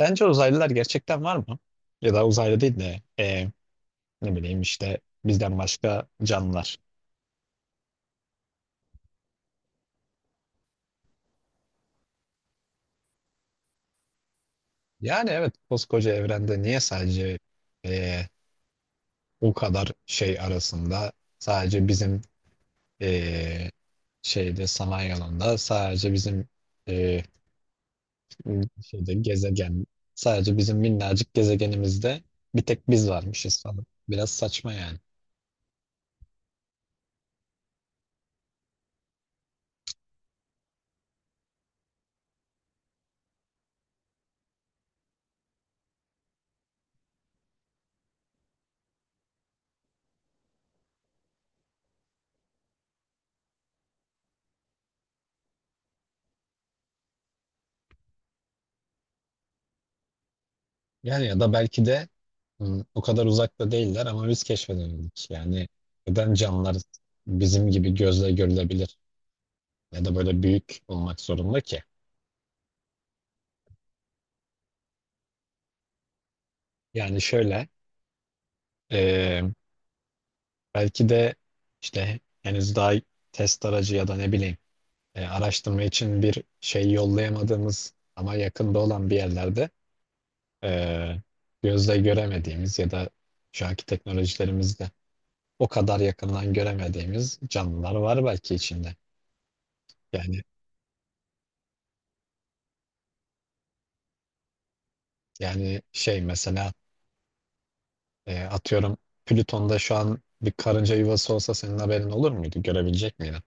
Sence uzaylılar gerçekten var mı? Ya da uzaylı değil de ne bileyim işte bizden başka canlılar. Yani evet koskoca evrende niye sadece e, o kadar şey arasında sadece bizim e, şeyde sanayi alanında sadece bizim e, şeyde gezegen sadece bizim minnacık gezegenimizde bir tek biz varmışız falan. Biraz saçma yani. Yani ya da belki de o kadar uzakta değiller ama biz keşfedemedik. Yani neden canlılar bizim gibi gözle görülebilir ya da böyle büyük olmak zorunda ki? Yani şöyle e, belki de işte henüz daha test aracı ya da ne bileyim araştırma için bir şey yollayamadığımız ama yakında olan bir yerlerde e, gözle göremediğimiz ya da şu anki teknolojilerimizde o kadar yakından göremediğimiz canlılar var belki içinde. Yani Yani, şey mesela atıyorum Plüton'da şu an bir karınca yuvası olsa senin haberin olur muydu? Görebilecek miydin?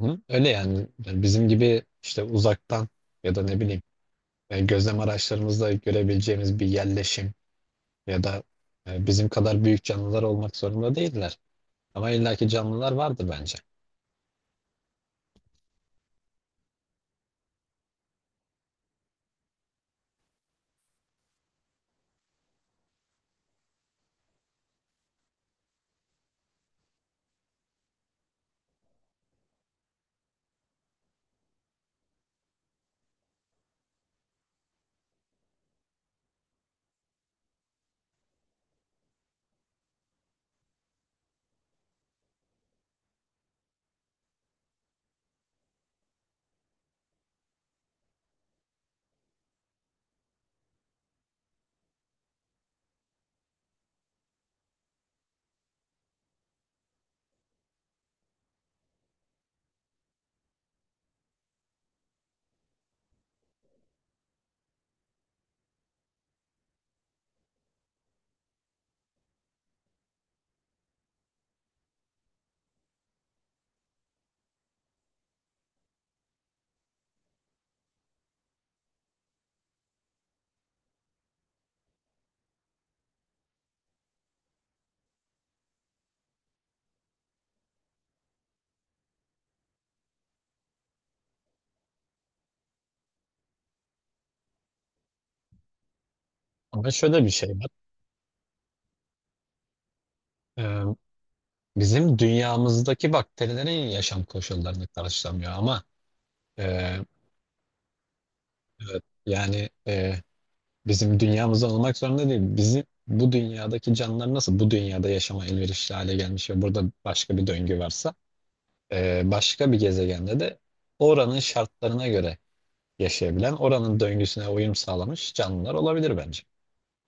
Hı? Öyle yani. Bizim gibi işte uzaktan ya da ne bileyim gözlem araçlarımızla görebileceğimiz bir yerleşim ya da bizim kadar büyük canlılar olmak zorunda değiller. Ama illaki canlılar vardır bence. Ama şöyle bir şey var. E, Bizim dünyamızdaki bakterilerin yaşam koşullarını karşılamıyor ama e, evet, yani, Bizim dünyamızda olmak zorunda değil. Bizim bu dünyadaki canlılar nasıl bu dünyada yaşama elverişli hale gelmiş ve burada başka bir döngü varsa başka bir gezegende de oranın şartlarına göre yaşayabilen, oranın döngüsüne uyum sağlamış canlılar olabilir bence.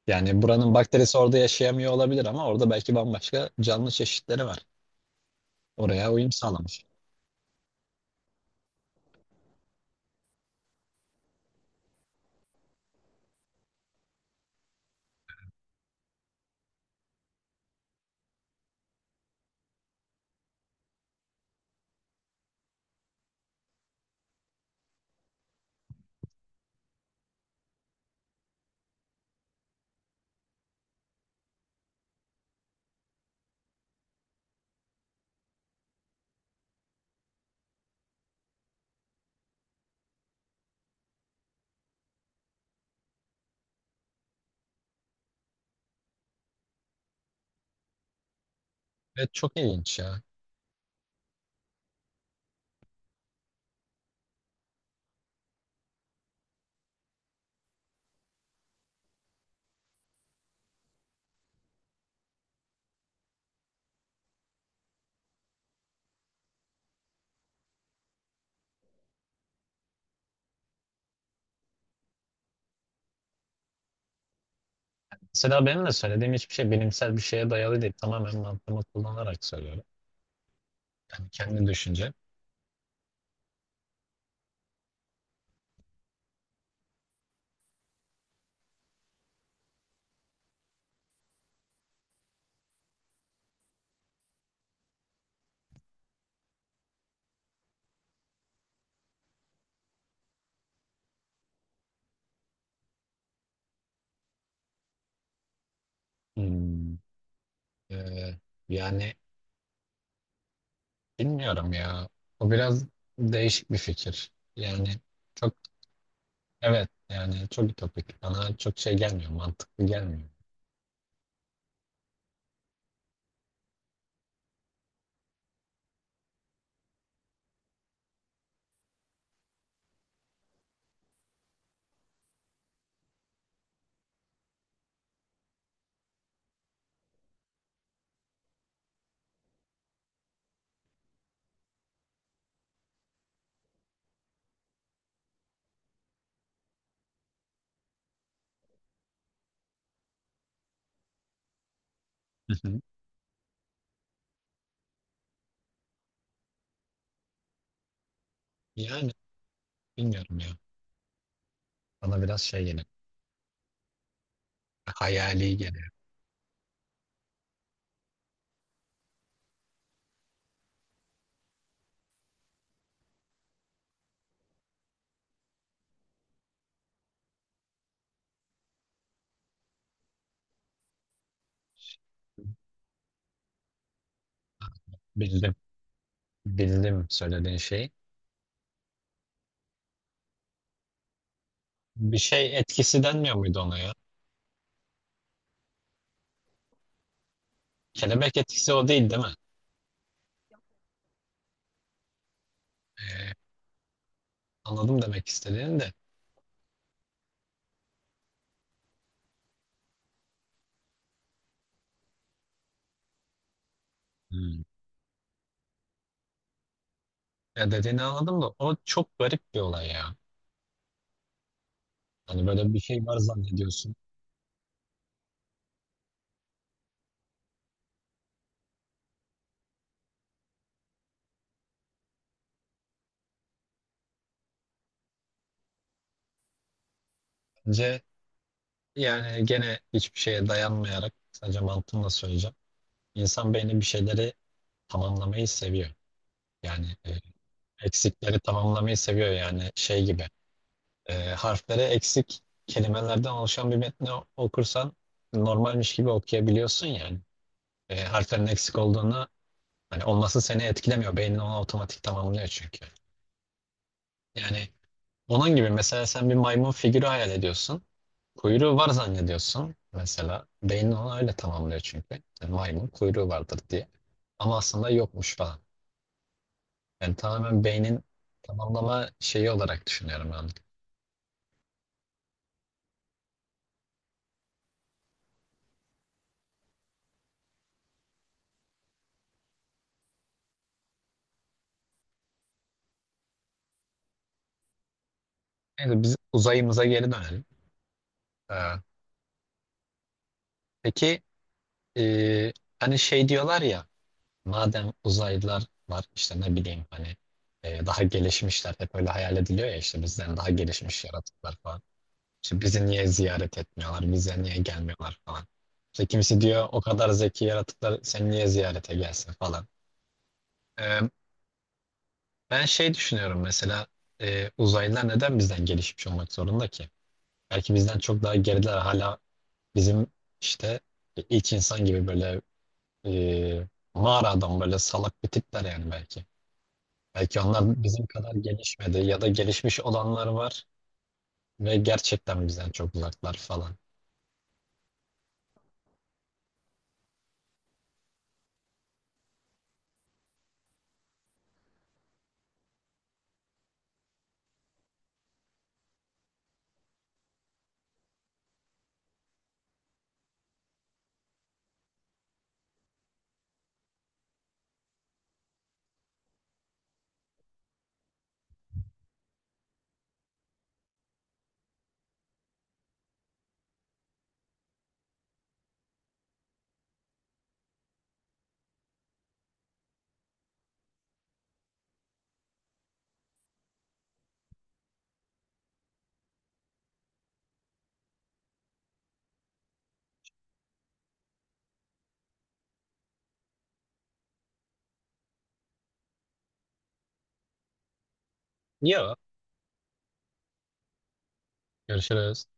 Yani buranın bakterisi orada yaşayamıyor olabilir ama orada belki bambaşka canlı çeşitleri var. Oraya uyum sağlamış. Evet, çok ilginç ya. Mesela benim de söylediğim hiçbir şey bilimsel bir şeye dayalı değil. Tamamen mantığımı kullanarak söylüyorum. Yani kendi düşüncem. Hmm. Ee, yani bilmiyorum ya. O biraz değişik bir fikir. Yani çok, evet yani çok ütopik. Bana çok şey gelmiyor. Mantıklı gelmiyor. Hı hı. Yani bilmiyorum ya. Bana biraz şey geliyor. Hayali geliyor. Bildim. Bildim söylediğin şeyi. Bir şey etkisi denmiyor muydu ona ya? Kelebek etkisi o değil, değil mi? Ee, anladım demek istediğini de. Hmm. Ya dediğini anladım da o çok garip bir olay ya. Hani böyle bir şey var zannediyorsun. Bence. Yani gene hiçbir şeye dayanmayarak sadece mantığımla söyleyeceğim. İnsan beyni bir şeyleri tamamlamayı seviyor. Yani eksikleri tamamlamayı seviyor yani şey gibi. Harfleri eksik kelimelerden oluşan bir metni okursan normalmiş gibi okuyabiliyorsun yani. Harflerin eksik olduğunu hani olması seni etkilemiyor. Beynin onu otomatik tamamlıyor çünkü. Yani, onun gibi mesela sen bir maymun figürü hayal ediyorsun. Kuyruğu var zannediyorsun. Mesela beynin onu öyle tamamlıyor çünkü. Yani maymun kuyruğu vardır diye. Ama aslında yokmuş falan. Yani tamamen beynin tamamlama şeyi olarak düşünüyorum ben. Neyse biz uzayımıza geri dönelim. Ee, peki e, hani şey diyorlar ya madem uzaylılar var işte ne bileyim hani daha gelişmişler hep öyle hayal ediliyor ya işte bizden daha gelişmiş yaratıklar falan. İşte bizi niye ziyaret etmiyorlar, bize niye gelmiyorlar falan. İşte kimisi diyor o kadar zeki yaratıklar sen niye ziyarete gelsin falan. Ee, ben şey düşünüyorum mesela uzaylılar neden bizden gelişmiş olmak zorunda ki? Belki bizden çok daha geriler hala bizim işte ilk insan gibi böyle e, mağara adam böyle salak bir tipler yani belki. Belki onlar bizim kadar gelişmedi ya da gelişmiş olanlar var ve gerçekten bizden çok uzaklar falan. Yo. Görüşürüz.